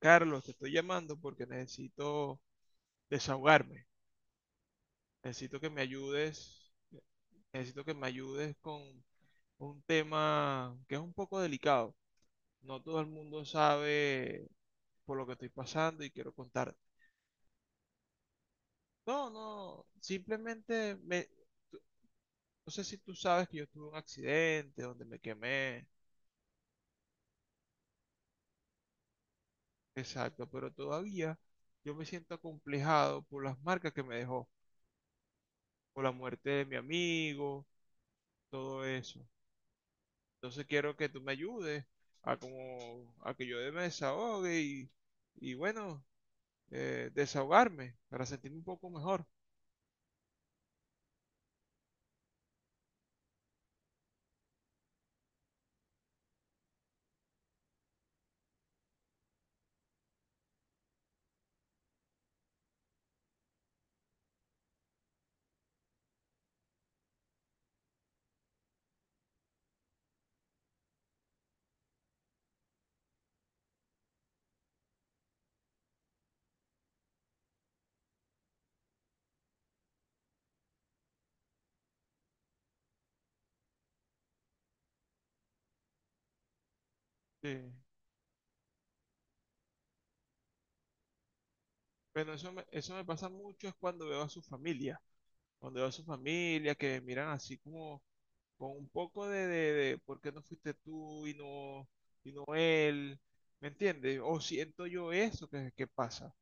Carlos, te estoy llamando porque necesito desahogarme. Necesito que me ayudes. Necesito que me ayudes con un tema que es un poco delicado. No todo el mundo sabe por lo que estoy pasando y quiero contarte. No, no, simplemente tú- no sé si tú sabes que yo tuve un accidente donde me quemé, exacto, pero todavía yo me siento acomplejado por las marcas que me dejó, por la muerte de mi amigo, todo eso. Entonces quiero que tú me ayudes a como a que yo me desahogue y bueno, desahogarme para sentirme un poco mejor. Eh, pero eso me pasa mucho es cuando veo a su familia, cuando veo a su familia que me miran así como con un poco de, ¿por qué no fuiste tú y no él? ¿Me entiendes? O siento yo eso que pasa.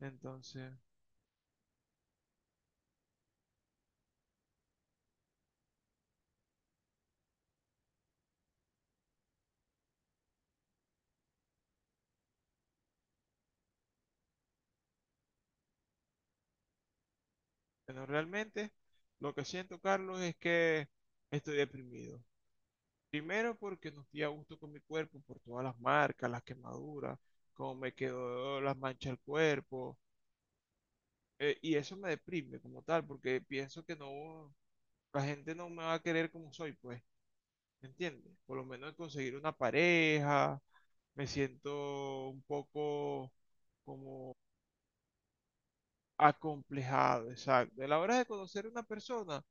Entonces, bueno, realmente lo que siento, Carlos, es que estoy deprimido. Primero porque no estoy a gusto con mi cuerpo por todas las marcas, las quemaduras, cómo me quedó las manchas del cuerpo. Y eso me deprime como tal, porque pienso que no, la gente no me va a querer como soy, pues, ¿me entiendes? Por lo menos conseguir una pareja, me siento un poco como acomplejado, exacto. A la hora de conocer a una persona,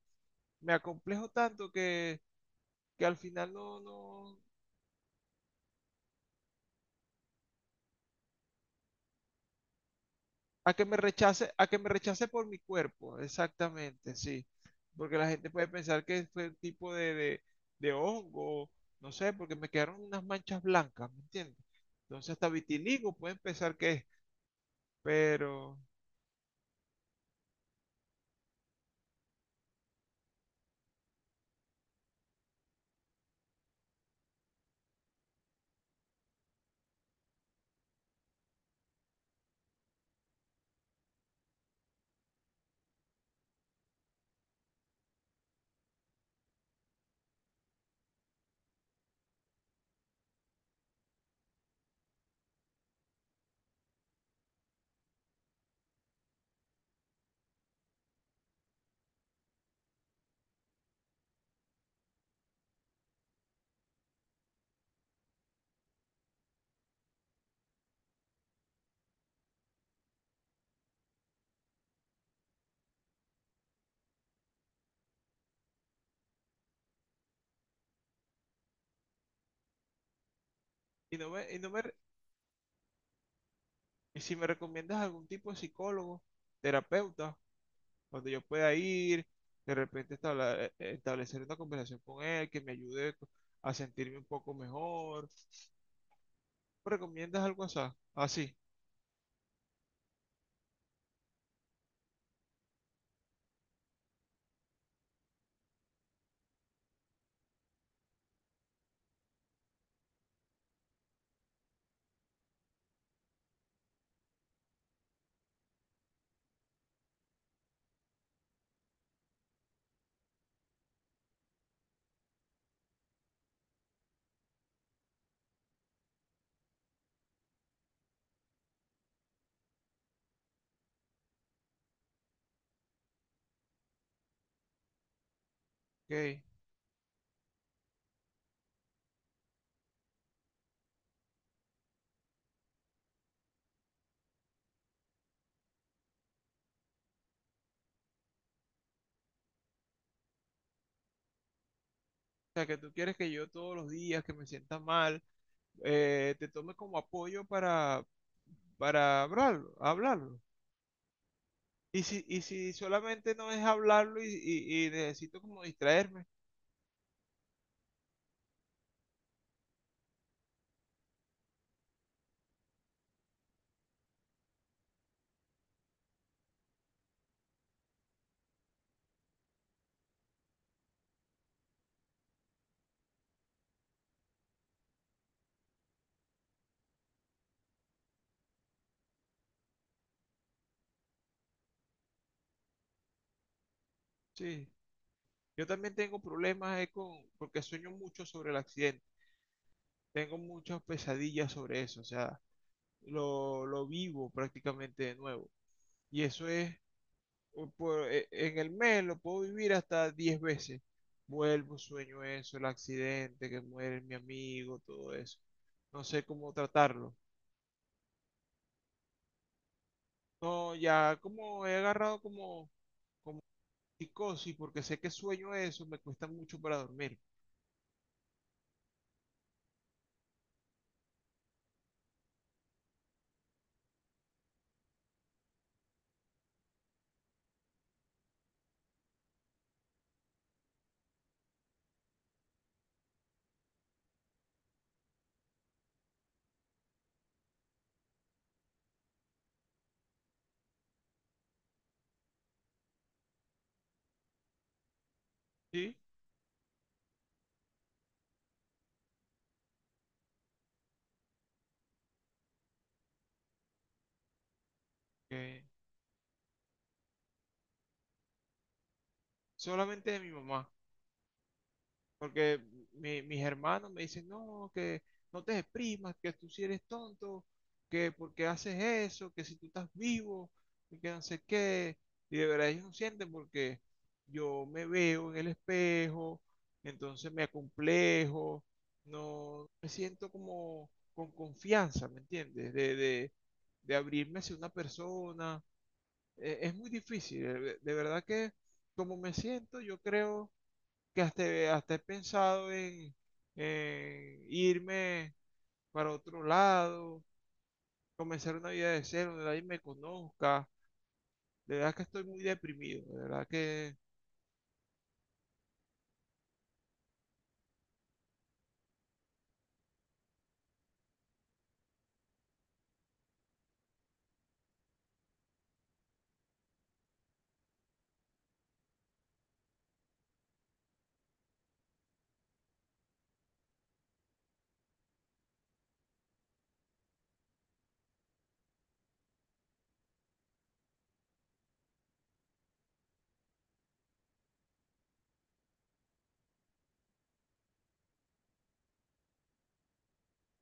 me acomplejo tanto que al final no, no, a que me rechace, a que me rechace por mi cuerpo, exactamente, sí. Porque la gente puede pensar que fue un tipo de hongo, no sé, porque me quedaron unas manchas blancas, ¿me entiendes? Entonces hasta vitiligo pueden pensar que es, pero... Y, no me, y, no me, re- y si me recomiendas algún tipo de psicólogo, terapeuta, donde yo pueda ir, de repente establecer una conversación con él, que me ayude a sentirme un poco mejor, ¿me recomiendas algo así? Ok. O sea, que tú quieres que yo todos los días, que me sienta mal, te tome como apoyo para hablarlo, hablarlo. Y si solamente no es hablarlo y y necesito como distraerme, sí. Yo también tengo problemas porque sueño mucho sobre el accidente. Tengo muchas pesadillas sobre eso, o sea, lo vivo prácticamente de nuevo. Y eso es en el mes lo puedo vivir hasta 10 veces. Vuelvo, sueño eso, el accidente, que muere mi amigo, todo eso. No sé cómo tratarlo. No, ya como he agarrado como psicosis, porque sé que sueño eso, me cuesta mucho para dormir. ¿Sí? Que solamente de mi mamá. Porque mis hermanos me dicen, no, que no te exprimas, que tú si eres tonto, que porque haces eso, que si tú estás vivo, y que no sé qué. Y de verdad ellos no sienten porque yo me veo en el espejo, entonces me acomplejo, no me siento como con confianza, ¿me entiendes? De abrirme hacia una persona. Es muy difícil, de verdad que como me siento, yo creo que hasta, hasta he pensado en irme para otro lado, comenzar una vida de cero, donde nadie me conozca. De verdad que estoy muy deprimido, de verdad que,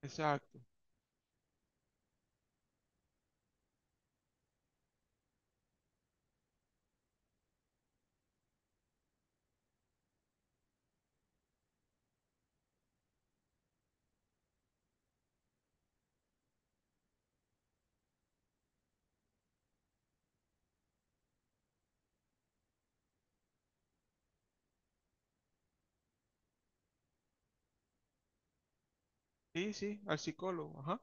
exacto. Sí, sí, al psicólogo, ajá,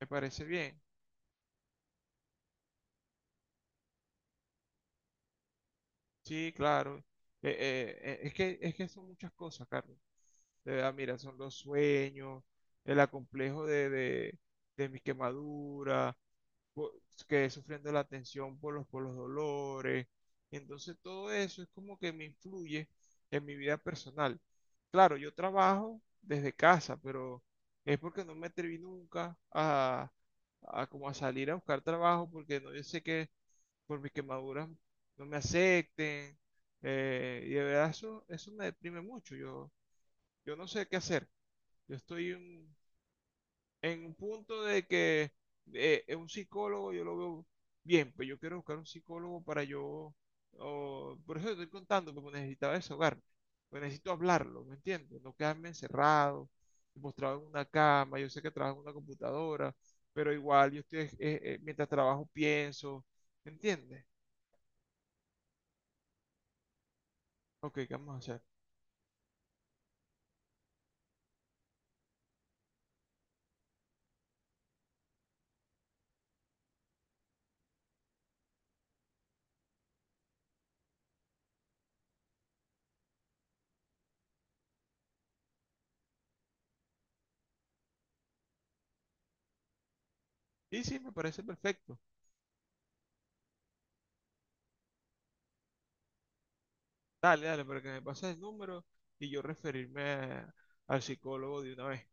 me parece bien. Sí, claro. Es que son muchas cosas, Carlos. De verdad, mira, son los sueños, el acomplejo de mi quemadura, po- quedé sufriendo la tensión por por los dolores. Entonces todo eso es como que me influye en mi vida personal. Claro, yo trabajo desde casa, pero es porque no me atreví nunca a como a salir a buscar trabajo porque no, yo sé que por mis quemaduras no me acepten. Y de verdad eso me deprime mucho. Yo no sé qué hacer. Yo estoy un- en un punto de que un psicólogo yo lo veo bien, pues yo quiero buscar un psicólogo para por eso te estoy contando, porque necesitaba desahogarme, pues necesito hablarlo, ¿me entiendes? No quedarme encerrado, postrado en una cama, yo sé que trabajo en una computadora, pero igual yo estoy, mientras trabajo pienso, ¿me entiendes? Ok, ¿qué vamos a hacer? Y sí, me parece perfecto. Dale, dale, para que me pases el número y yo al psicólogo de una vez.